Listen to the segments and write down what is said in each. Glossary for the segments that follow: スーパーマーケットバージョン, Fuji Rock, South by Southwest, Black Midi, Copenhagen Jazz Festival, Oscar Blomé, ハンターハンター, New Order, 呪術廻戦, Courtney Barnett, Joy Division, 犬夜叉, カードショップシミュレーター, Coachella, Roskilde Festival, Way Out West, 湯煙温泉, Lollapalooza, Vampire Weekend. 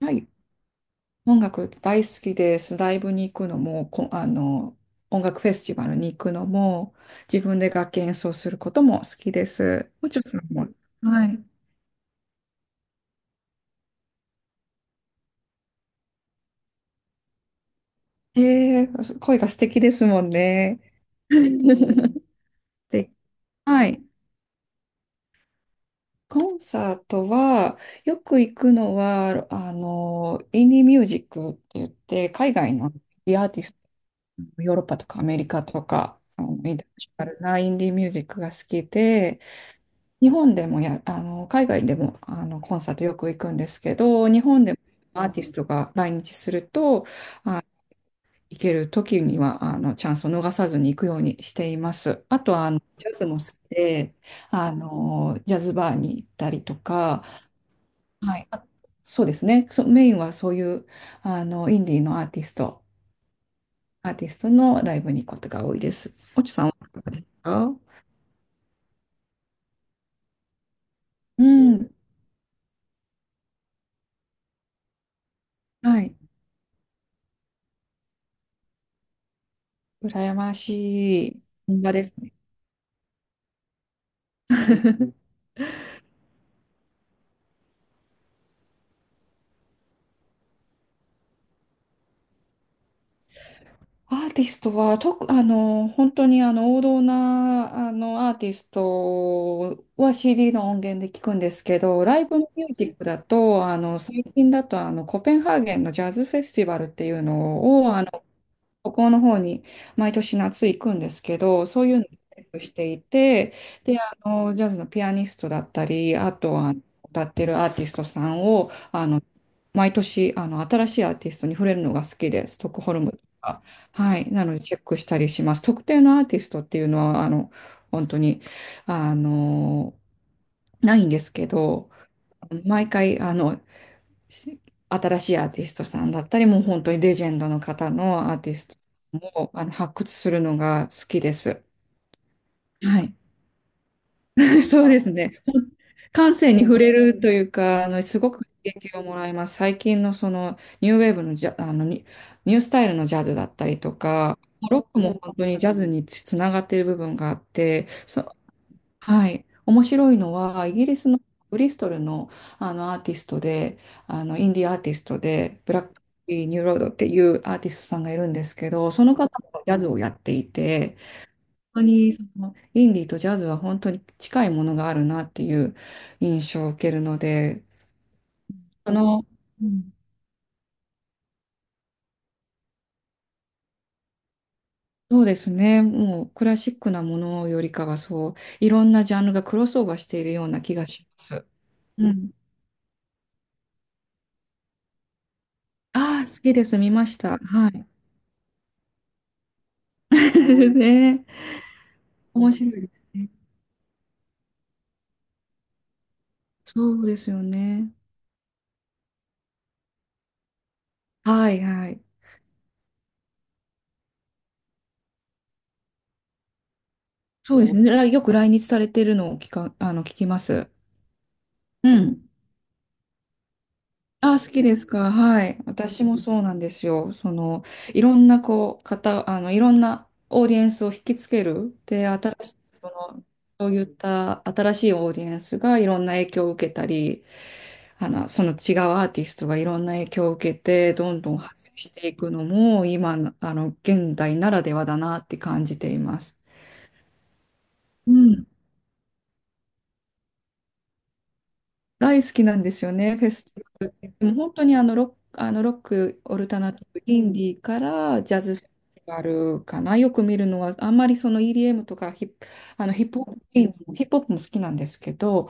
はい。音楽大好きです。ライブに行くのも、こ、あの、音楽フェスティバルに行くのも、自分で楽器演奏することも好きです。もちろんそれも。はい。声が素敵ですもんね。で、はい。コンサートは、よく行くのは、インディーミュージックって言って、海外のアーティスト、ヨーロッパとかアメリカとか、インターナショナルなインディーミュージックが好きで、日本でもや、あの、海外でも、コンサートよく行くんですけど、日本でもアーティストが来日すると、あ、行ける時には、チャンスを逃さずに行くようにしています。あとは、ジャズも好きで、ジャズバーに行ったりとか、はい。そうですね。メインはそういう、インディーのアーティスト、アーティストのライブに行くことが多いです。おちさんはいかがですか？うん。はい。羨ましい。本場ですね。アーティストは、とく、あの、本当に王道な、アーティストは CD の音源で聞くんですけど、ライブミュージックだと、最近だと、コペンハーゲンのジャズフェスティバルっていうのを、ここの方に毎年夏行くんですけど、そういうのをチェックしていて、で、あの、ジャズのピアニストだったり、あとは歌ってるアーティストさんを、毎年、新しいアーティストに触れるのが好きです。ストックホルムとか。はい。なので、チェックしたりします。特定のアーティストっていうのは、本当に、あの、ないんですけど、毎回、し新しいアーティストさんだったり、もう本当にレジェンドの方のアーティストも発掘するのが好きです。はい。そうですね。感性に触れるというか、すごく刺激をもらいます。最近のそのニューウェーブのジャ、あのニ、ニュースタイルのジャズだったりとか、ロックも本当にジャズにつながっている部分があって、はい、面白いのはイギリスのブリストルの、あのアーティストであのインディーアーティストでブラック・ニューロードっていうアーティストさんがいるんですけど、その方もジャズをやっていて、本当にそのインディーとジャズは本当に近いものがあるなっていう印象を受けるので、あの、うんそうですね。もうクラシックなものよりかは、そういろんなジャンルがクロスオーバーしているような気がします。うん、ああ好きです、見ました。はい。 ね。面白いですね。そうですよね。はいはい。そうですね。よく来日されてるのを聞か、あの、聞きます。うん。あ、好きですか？はい。私もそうなんですよ。その、いろんな、こう、方、あの、いろんなオーディエンスを引きつける。で、新しい、その、そういった新しいオーディエンスがいろんな影響を受けたり、その違うアーティストがいろんな影響を受けて、どんどん発展していくのも、今の、現代ならではだなって感じています。うん。大好きなんですよね、フェスティバル。でも本当にあのロック、オルタナティブ、インディーからジャズフェスティバルかな。よく見るのは、あんまりその EDM とかあのヒップホップ、ヒップホップも好きなんですけど、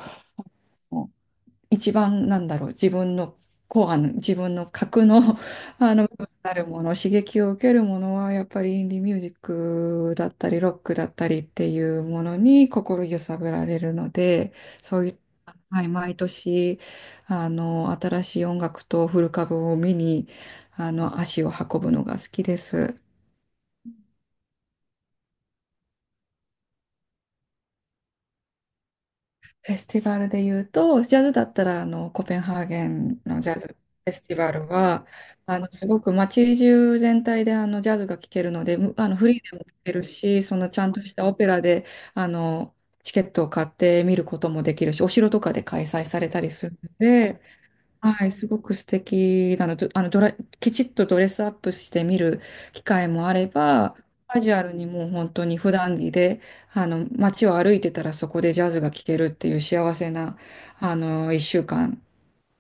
一番なんだろう、自分の核の、あの、なるもの、刺激を受けるものは、やっぱりインディミュージックだったり、ロックだったりっていうものに心揺さぶられるので、そういう、はい、毎年、新しい音楽とフル株を見に、足を運ぶのが好きです。フェスティバルで言うと、ジャズだったら、コペンハーゲンのジャズフェスティバルは、すごく街中全体で、ジャズが聴けるので、むあの、フリーでも聴けるし、その、ちゃんとしたオペラで、あの、チケットを買って見ることもできるし、お城とかで開催されたりするので、はい、すごく素敵なの。どあのドラ、きちっとドレスアップして見る機会もあれば、カジュアルにもう本当に普段着で、街を歩いてたらそこでジャズが聴けるっていう幸せな、あの、一週間、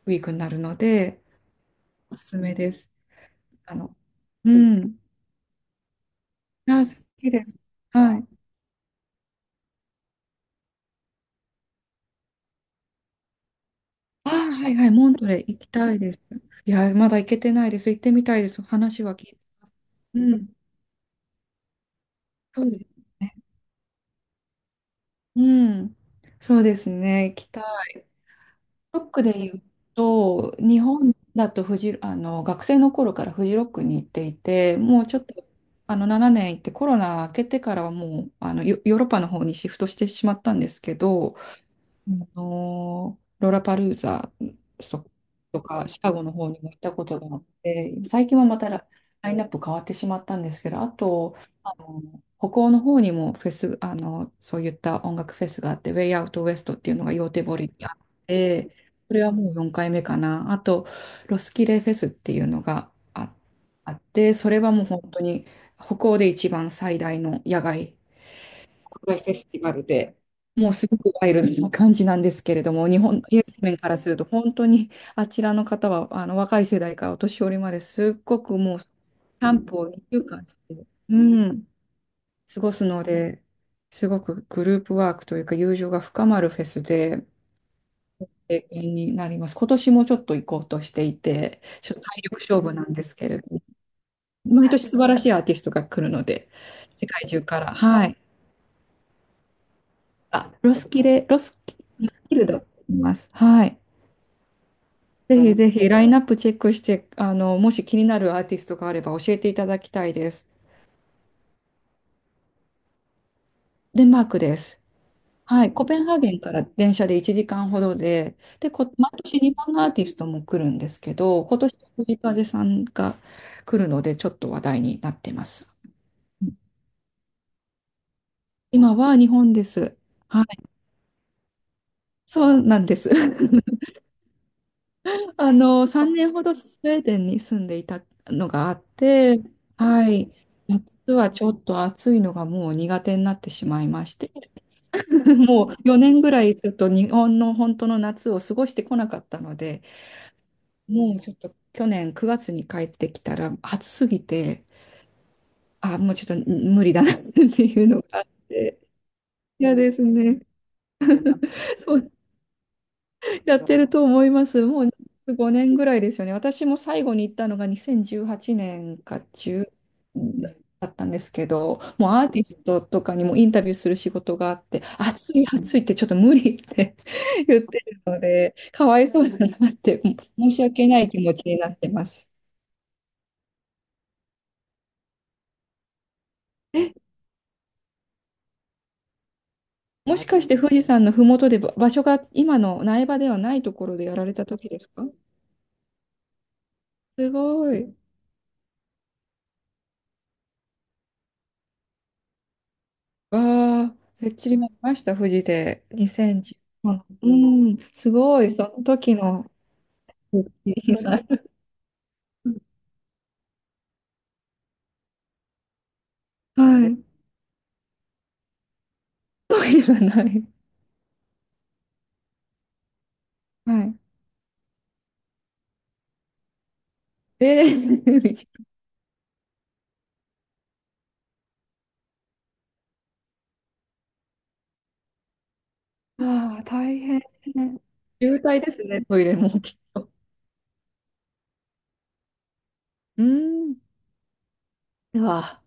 ウィークになるので、おすすめです。あの、うん。あ、好きです。はい。あ、はいはい、モントレ行きたいです。いや、まだ行けてないです。行ってみたいです。話は聞いて。うん。そうですね。うん。そうですね。行きたい。ロックで言うと、日本だとフジ、あの学生の頃からフジロックに行っていて、もうちょっとあの7年行って、コロナ明けてからはもうヨーロッパの方にシフトしてしまったんですけど、あのロラパルーザそとかシカゴの方にも行ったことがあって、最近はまたラインナップ変わってしまったんですけど、あと、あの北欧の方にもフェス、あのそういった音楽フェスがあって、ウェイアウトウエストっていうのがヨーテボリにあって、それはもう4回目かな。あと、ロスキレフェスっていうのがあって、それはもう本当に北欧で一番最大の野外フェス、もうすごくワイルドな感じなんですけれども、日本、イエスメンからすると、本当にあちらの方は、あの若い世代からお年寄りまですっごくもう、キャンプを2週間して、うん、過ごすので、すごくグループワークというか、友情が深まるフェスで、経験になります。今年もちょっと行こうとしていて、ちょっと体力勝負なんですけれども、毎年素晴らしいアーティストが来るので、世界中から。はい。あ、ロスキレ、ロスキ、ロスキルドって言います。はい。ぜひぜひラインナップチェックして、もし気になるアーティストがあれば教えていただきたいです。デンマークです。はい、コペンハーゲンから電車で1時間ほどで、毎年日本のアーティストも来るんですけど、今年藤風さんが来るので、ちょっと話題になってます。今は日本です。はい、そうなんです。あの、3年ほどスウェーデンに住んでいたのがあって、はい。夏はちょっと暑いのがもう苦手になってしまいまして、もう4年ぐらいちょっと日本の本当の夏を過ごしてこなかったので、もうちょっと去年9月に帰ってきたら暑すぎて、あ、もうちょっと無理だなっていうのがあって、嫌ですね。そうやってると思います。もう5年ぐらいですよね。私も最後に行ったのが2018年か10だったんですけど、もうアーティストとかにもインタビューする仕事があって、暑い暑いってちょっと無理って 言ってるので、かわいそうだなって申し訳ない気持ちになってます。もしかして富士山のふもとで場所が今の苗場ではないところでやられた時ですか？すごい。わあ、フェッチリも見ました、富士で。2010、あ、2 0、うん、すごい、その時の復帰がない。はい。時がない。はい。えー。ああ、大変。渋滞ですね、トイレもきっと。うん。うわ、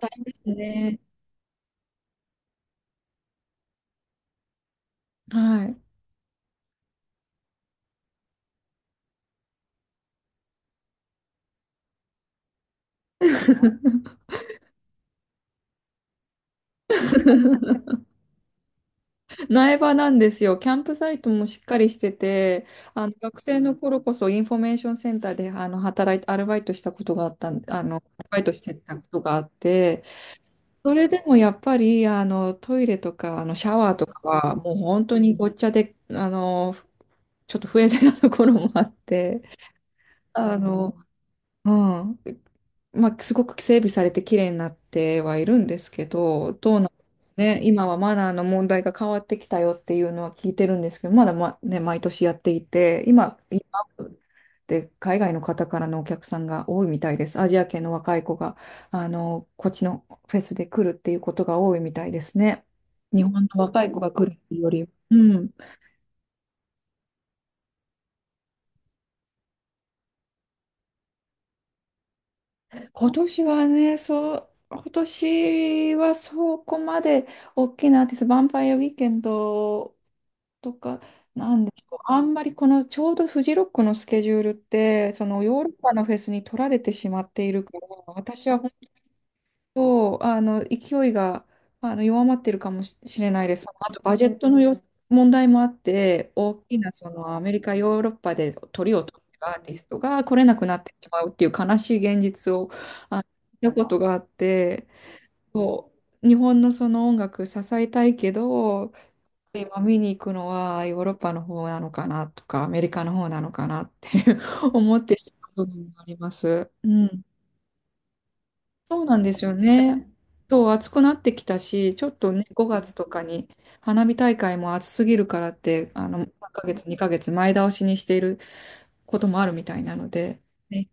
大変ですね。はい。苗場なんですよ。キャンプサイトもしっかりしてて、あの学生の頃こそインフォメーションセンターで働いて、アルバイトしたことがあったん、アルバイトしてたことがあって、それでもやっぱりあのトイレとかあのシャワーとかはもう本当にごっちゃでちょっと不衛生なところもあって、あの、うん、まあ、すごく整備されて綺麗になってはいるんですけどどうなんね、今はマナーの問題が変わってきたよっていうのは聞いてるんですけどまだ、ま、ね、毎年やっていて今で、海外の方からのお客さんが多いみたいです。アジア系の若い子が、こっちのフェスで来るっていうことが多いみたいですね。日本の若い子が来るっていうより、うん。今年はね、そう、今年はそこまで大きなアーティスト、ヴァンパイアウィーケンドとか、なんでしょう、あんまりこのちょうどフジロックのスケジュールって、そのヨーロッパのフェスに取られてしまっているから、私はそう、勢いが、弱まってるかもししれないです。あと、バジェットの問題もあって、大きな、アメリカ、ヨーロッパで鳥を取っるアーティストが来れなくなってしまうっていう悲しい現実を、あの、見たことがあって、そう、日本のその音楽支えたいけど、今見に行くのはヨーロッパの方なのかなとか、アメリカの方なのかなって 思ってしまう部分もあります。うん。そうなんですよね。そう、暑くなってきたし、ちょっとね、5月とかに花火大会も暑すぎるからって、あの、1ヶ月、2ヶ月前倒しにしていることもあるみたいなので、ね、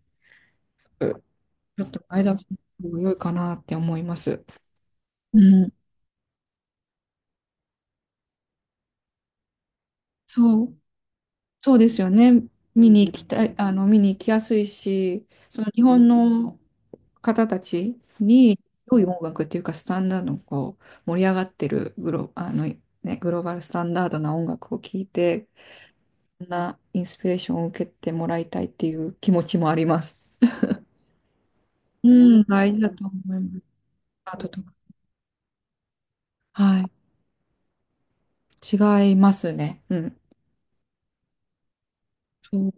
ちょっと前倒しの方が良いかなって思います。うん、そう、そうですよね。見に行きたい、見に行きやすいし、その日本の方たちに、良い音楽っていうか、スタンダードのこう、盛り上がってるグロ、あの、ね、グローバルスタンダードな音楽を聴いて、そんなインスピレーションを受けてもらいたいっていう気持ちもあります。うん、大事だと思います。アートとか。はい。違いますね。うん。そう、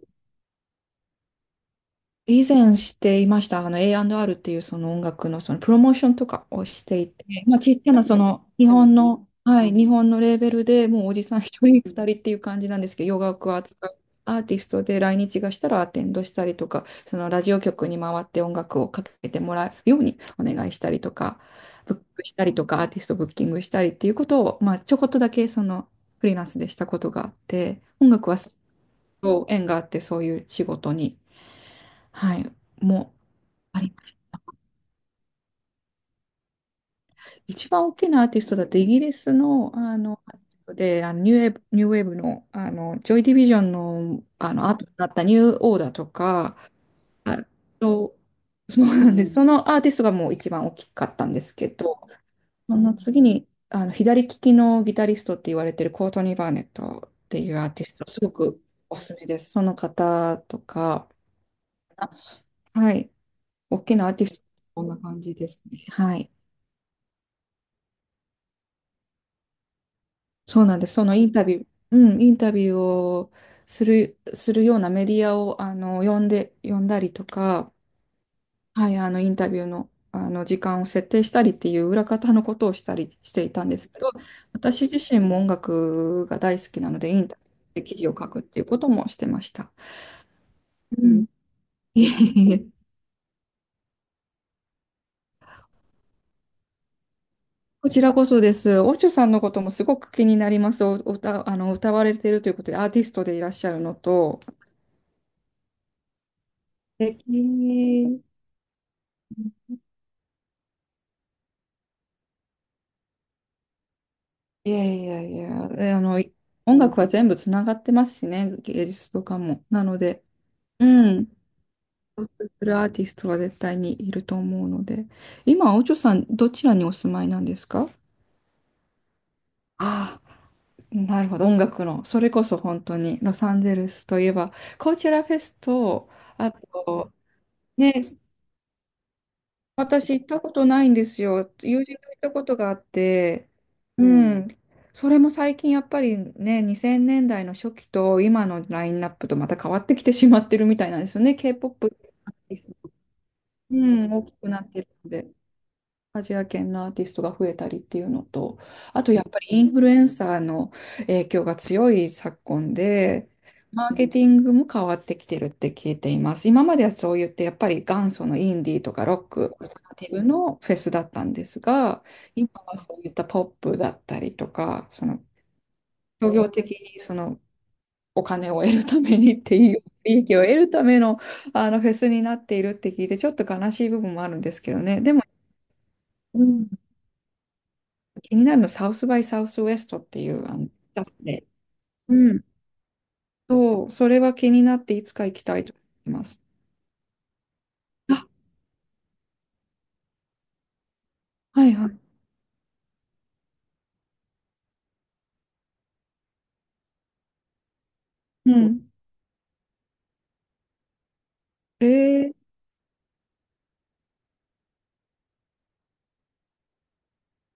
以前していました。A&R っていうその音楽のそのプロモーションとかをしていて、まあ、ちっちゃなその日本の、はい、日本のレーベルでもうおじさん一人二人っていう感じなんですけど、洋楽を扱うアーティストで来日がしたらアテンドしたりとか、そのラジオ局に回って音楽をかけてもらうようにお願いしたりとか、ブックしたりとか、アーティストブッキングしたりっていうことを、まあ、ちょこっとだけそのフリーランスでしたことがあって、音楽はそう縁があってそういう仕事に。はい。もう、一番大きなアーティストだとイギリスの、で、ニューウェーブの、ジョイ・ディビジョンの、後になったニューオーダーとか、あと、そうなんです。そのアーティストがもう一番大きかったんですけど、その次に、左利きのギタリストって言われてるコートニー・バーネットっていうアーティスト、すごくおすすめです。その方とか、はい。大きなアーティスト、こんな感じですね。はい。そうなんです。そのインタビュー、うん、インタビューをするようなメディアを、呼んで、呼んだりとか、はい、インタビューの、時間を設定したりっていう裏方のことをしたりしていたんですけど、私自身も音楽が大好きなので、インタビューで記事を書くっていうこともしてました。うん。いえいえいえ、こちらこそです。オチュさんのこともすごく気になります。お歌、歌われているということで、アーティストでいらっしゃるのと、素敵。いやいやいや、えあの、い音楽は全部つながってますしね、芸術とかも。なので、うん。そうするアーティストは絶対にいると思うので。今、おちょさん、どちらにお住まいなんですか？ああ、なるほど、音楽の。それこそ本当に、ロサンゼルスといえば、コーチェラフェスと、あと、ね、私行ったことないんですよ。友人と行ったことがあって、ううん。ん。それも最近やっぱりね、2000年代の初期と今のラインナップとまた変わってきてしまってるみたいなんですよね。K-POP アーティスト、うん、大きくなってるので。アジア圏のアーティストが増えたりっていうのと、あとやっぱりインフルエンサーの影響が強い昨今で、マーケティングも変わってきてるって聞いています。今まではそう言ってやっぱり元祖のインディーとかロック、オルタナティブのフェスだったんですが、今はそういったポップだったりとか、その商業的にそのお金を得るためにっていう、利益を得るための、あのフェスになっているって聞いて、ちょっと悲しい部分もあるんですけどね。でも、うん、気になるの、サウスバイサウスウエストっていう、出すで。うん。そう、それは気になっていつか行きたいと思います。あ、はいはい。うん。えー、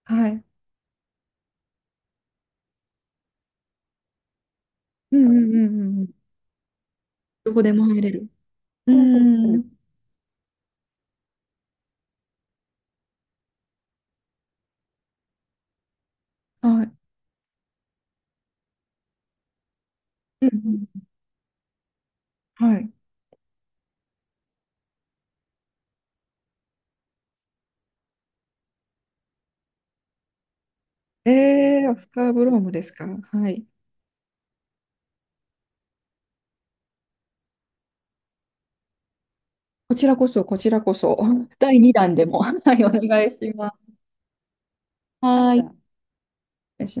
はい。うんうんうんうんうん。どこでも入れる。うん、はい。うんうん、はい。えー、オスカー・ブロームですか？はい。こちらこそ、こちらこそ、第2弾でも、はい、お願いします。はい。お願いします